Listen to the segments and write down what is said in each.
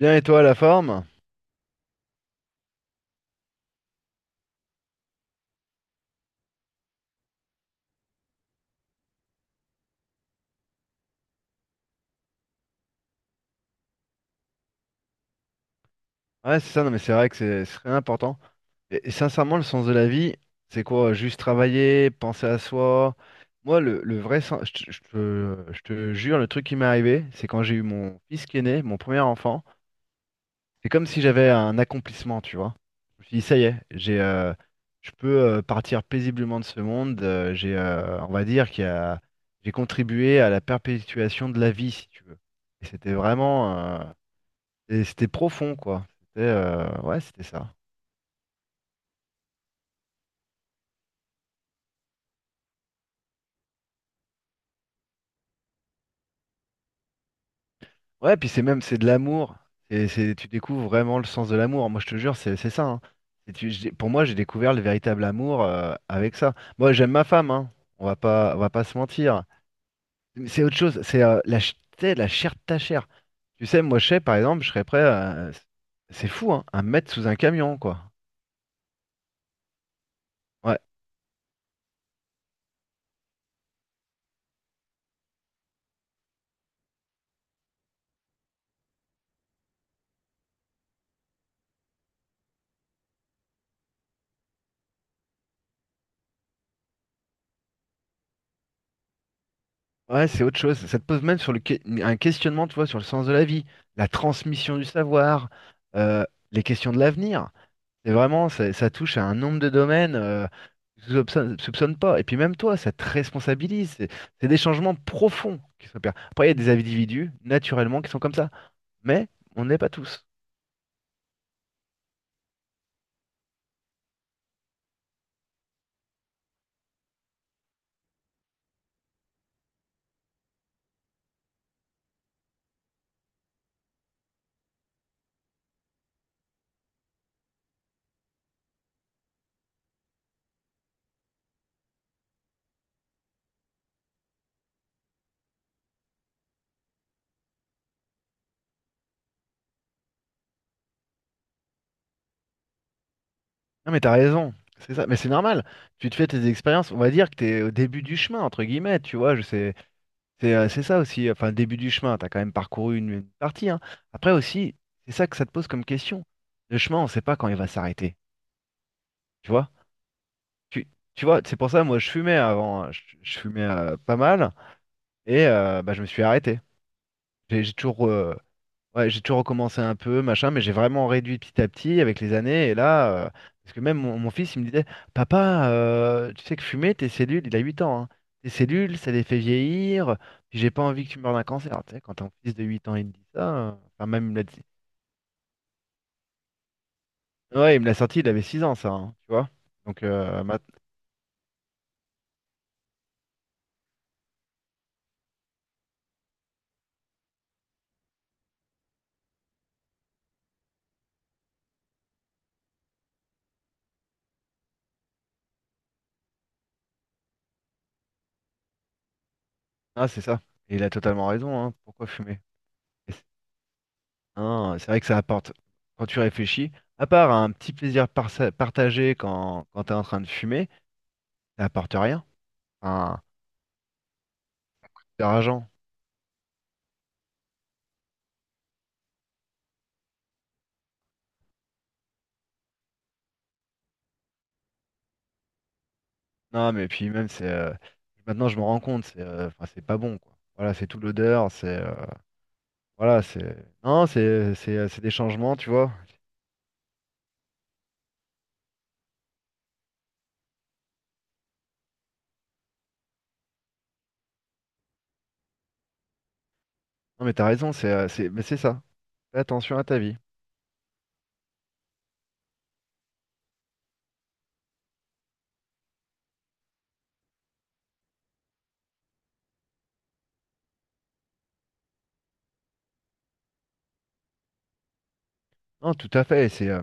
Bien et toi, la forme? Ouais, c'est ça, non mais c'est vrai que c'est très important. Et sincèrement, le sens de la vie, c'est quoi? Juste travailler, penser à soi. Moi, le vrai sens, je te jure, le truc qui m'est arrivé, c'est quand j'ai eu mon fils qui est né, mon premier enfant, c'est comme si j'avais un accomplissement, tu vois. Je me suis dit, ça y est, j'ai, je peux partir paisiblement de ce monde. J'ai, on va dire qu'il y a, j'ai contribué à la perpétuation de la vie, si tu veux. Et c'était vraiment, et c'était profond, quoi. C'était ouais, c'était ça. Ouais, puis c'est même, c'est de l'amour. Et c'est tu découvres vraiment le sens de l'amour. Moi, je te jure, c'est ça, hein. Et pour moi, j'ai découvert le véritable amour avec ça. Moi, j'aime ma femme, hein. On va pas se mentir. Mais c'est autre chose. C'est tu sais, la chair de ta chair. Tu sais, moi, je sais, par exemple, je serais prêt. C'est fou, hein, à me mettre sous un camion, quoi. Ouais. Ouais, c'est autre chose. Ça te pose même sur le un questionnement, tu vois, sur le sens de la vie, la transmission du savoir, euh, les questions de l'avenir. C'est vraiment, ça touche à un nombre de domaines que tu soupçonnes pas. Et puis même toi, ça te responsabilise. C'est des changements profonds qui s'opèrent. Après, il y a des individus, naturellement, qui sont comme ça. Mais on n'est pas tous. Non, mais t'as raison. C'est ça. Mais c'est normal. Tu te fais tes expériences. On va dire que t'es au début du chemin, entre guillemets. Tu vois, je sais. C'est ça aussi, enfin, le début du chemin, t'as quand même parcouru une partie, hein. Après aussi, c'est ça que ça te pose comme question. Le chemin, on sait pas quand il va s'arrêter, tu vois? Tu, tu vois, c'est pour ça, moi, je fumais avant, hein. Je fumais pas mal, et bah, je me suis arrêté. J'ai j'ai toujours, euh, Ouais, j'ai toujours recommencé un peu, machin, mais j'ai vraiment réduit petit à petit avec les années. Et là, parce que même mon fils, il me disait, Papa, tu sais que fumer, tes cellules, il a 8 ans, hein, tes cellules, ça les fait vieillir, puis j'ai pas envie que tu meurs d'un cancer. Tu sais, quand ton fils de 8 ans, il te dit ça, enfin, même, il me l'a dit. Ouais, il me l'a sorti, il avait 6 ans, ça, hein, tu vois. Donc, maintenant, ah, c'est ça. Et il a totalement raison, hein, pourquoi fumer? Et c'est hein, c'est vrai que ça apporte, quand tu réfléchis, à part un petit plaisir partagé quand tu es en train de fumer, ça apporte rien. Enfin, c'est rageant. Non, mais puis même, c'est. Maintenant, je me rends compte, c'est enfin, c'est pas bon, quoi. Voilà, c'est toute l'odeur, c'est. Voilà, c'est. Non, c'est des changements, tu vois. Non, mais t'as raison, mais c'est ça. Fais attention à ta vie. Non, tout à fait. Et c'est euh,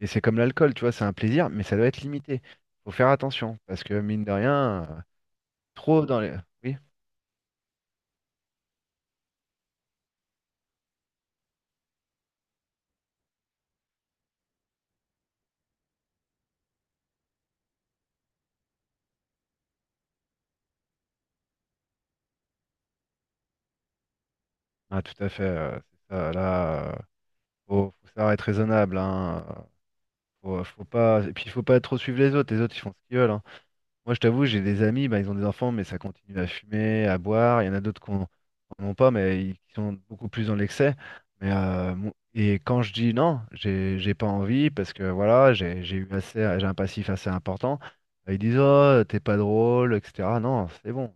et c'est comme l'alcool, tu vois, c'est un plaisir, mais ça doit être limité. Faut faire attention, parce que mine de rien, trop dans les. Oui, ah, tout à fait. C'est ça, là, faut savoir être raisonnable, hein. Faut pas. Et puis, il faut pas trop suivre les autres. Les autres, ils font ce qu'ils veulent, hein. Moi, je t'avoue, j'ai des amis, bah, ils ont des enfants, mais ça continue à fumer, à boire. Il y en a d'autres qui n'en ont pas, mais ils qui sont beaucoup plus dans l'excès. Mais et quand je dis non, j'ai pas envie parce que voilà, j'ai eu assez, j'ai un passif assez important. Ils disent oh, t'es pas drôle, etc. Non, c'est bon.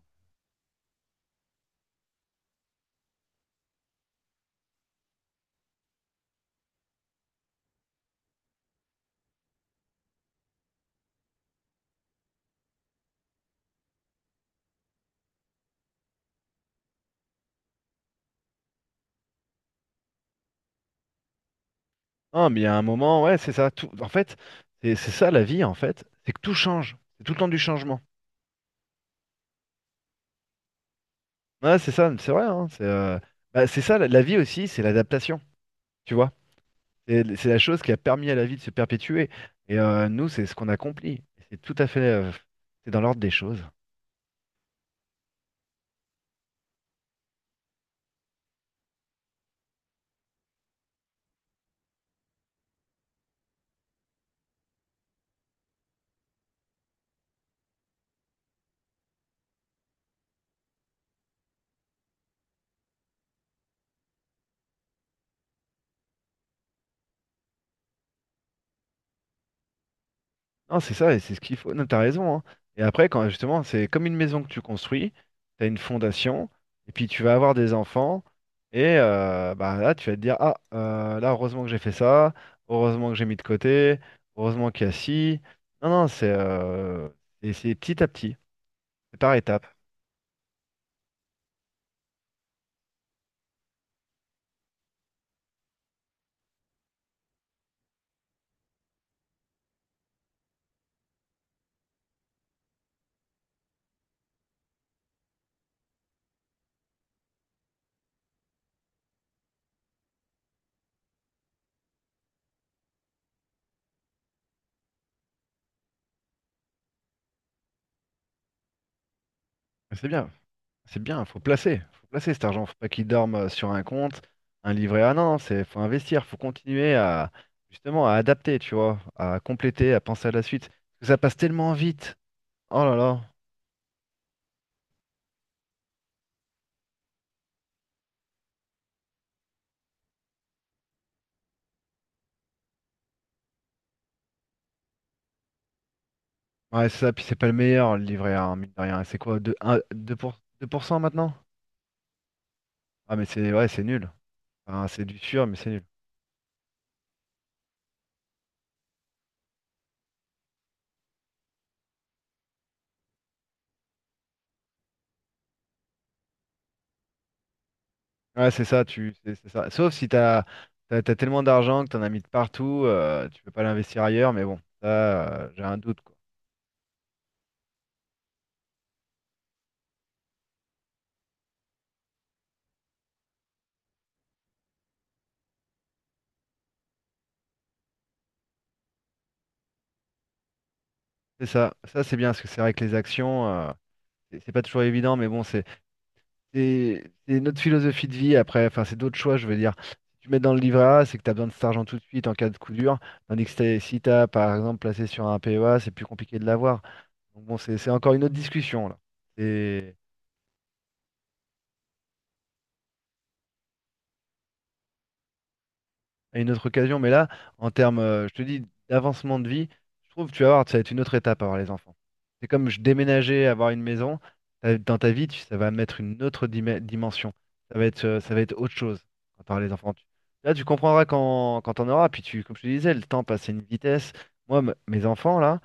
Non, mais il y a un moment, ouais, c'est ça. Tout, en fait, c'est ça la vie, en fait, c'est que tout change. C'est tout le temps du changement. Ouais, c'est ça, c'est vrai, hein, c'est bah, c'est ça la vie aussi, c'est l'adaptation. Tu vois. C'est la chose qui a permis à la vie de se perpétuer. Et nous, c'est ce qu'on accomplit. C'est tout à fait, c'est dans l'ordre des choses. Non, c'est ça, et c'est ce qu'il faut. Non, t'as raison, hein. Et après, quand justement, c'est comme une maison que tu construis, t'as une fondation, et puis tu vas avoir des enfants, et bah là, tu vas te dire, ah, là, heureusement que j'ai fait ça, heureusement que j'ai mis de côté, heureusement qu'il y a ci. Non, non, c'est et c'est petit à petit, c'est par étapes. C'est bien. C'est bien, faut placer cet argent, faut pas qu'il dorme sur un compte, un livret A. Non, non, c'est faut investir, faut continuer à justement à adapter, tu vois, à compléter, à penser à la suite. Parce que ça passe tellement vite. Oh là là. Ouais, c'est ça, puis c'est pas le meilleur le livret A, hein, mine de rien. C'est quoi, 2% maintenant? Ah mais c'est ouais, c'est nul. Enfin, c'est du sûr, mais c'est nul. Ouais, c'est ça, tu c'est ça. Sauf si t'as tellement d'argent que t'en as mis de partout, tu peux pas l'investir ailleurs, mais bon, ça j'ai un doute. C'est ça, ça c'est bien, parce que c'est vrai que les actions, c'est pas toujours évident, mais bon, c'est notre philosophie de vie après, enfin c'est d'autres choix, je veux dire. Si tu mets dans le livret A, c'est que tu as besoin de cet argent tout de suite en cas de coup dur, tandis que si t'as par exemple placé sur un PEA, c'est plus compliqué de l'avoir. Donc bon, c'est encore une autre discussion là. À une autre occasion, mais là, en termes, je te dis, d'avancement de vie, je trouve que tu vas voir, ça va être une autre étape avoir les enfants. C'est comme je déménageais, avoir une maison, dans ta vie, ça va mettre une autre dimension. Ça va être autre chose quand t'auras les enfants. Là, tu comprendras quand t'en auras, puis comme je te disais, le temps passe à une vitesse. Moi, mes enfants, là,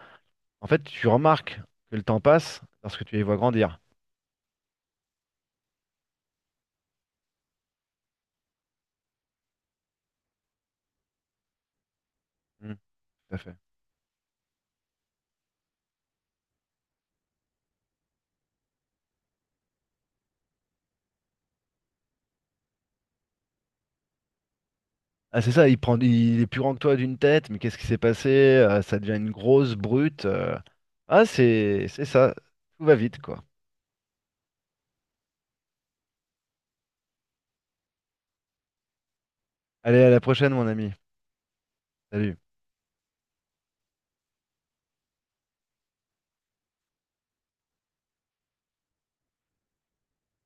en fait, tu remarques que le temps passe lorsque tu les vois grandir. Mm, tout à fait. Ah, c'est ça, il prend, il est plus grand que toi d'une tête, mais qu'est-ce qui s'est passé? Ça devient une grosse brute. Ah, c'est ça. Tout va vite, quoi. Allez, à la prochaine, mon ami. Salut.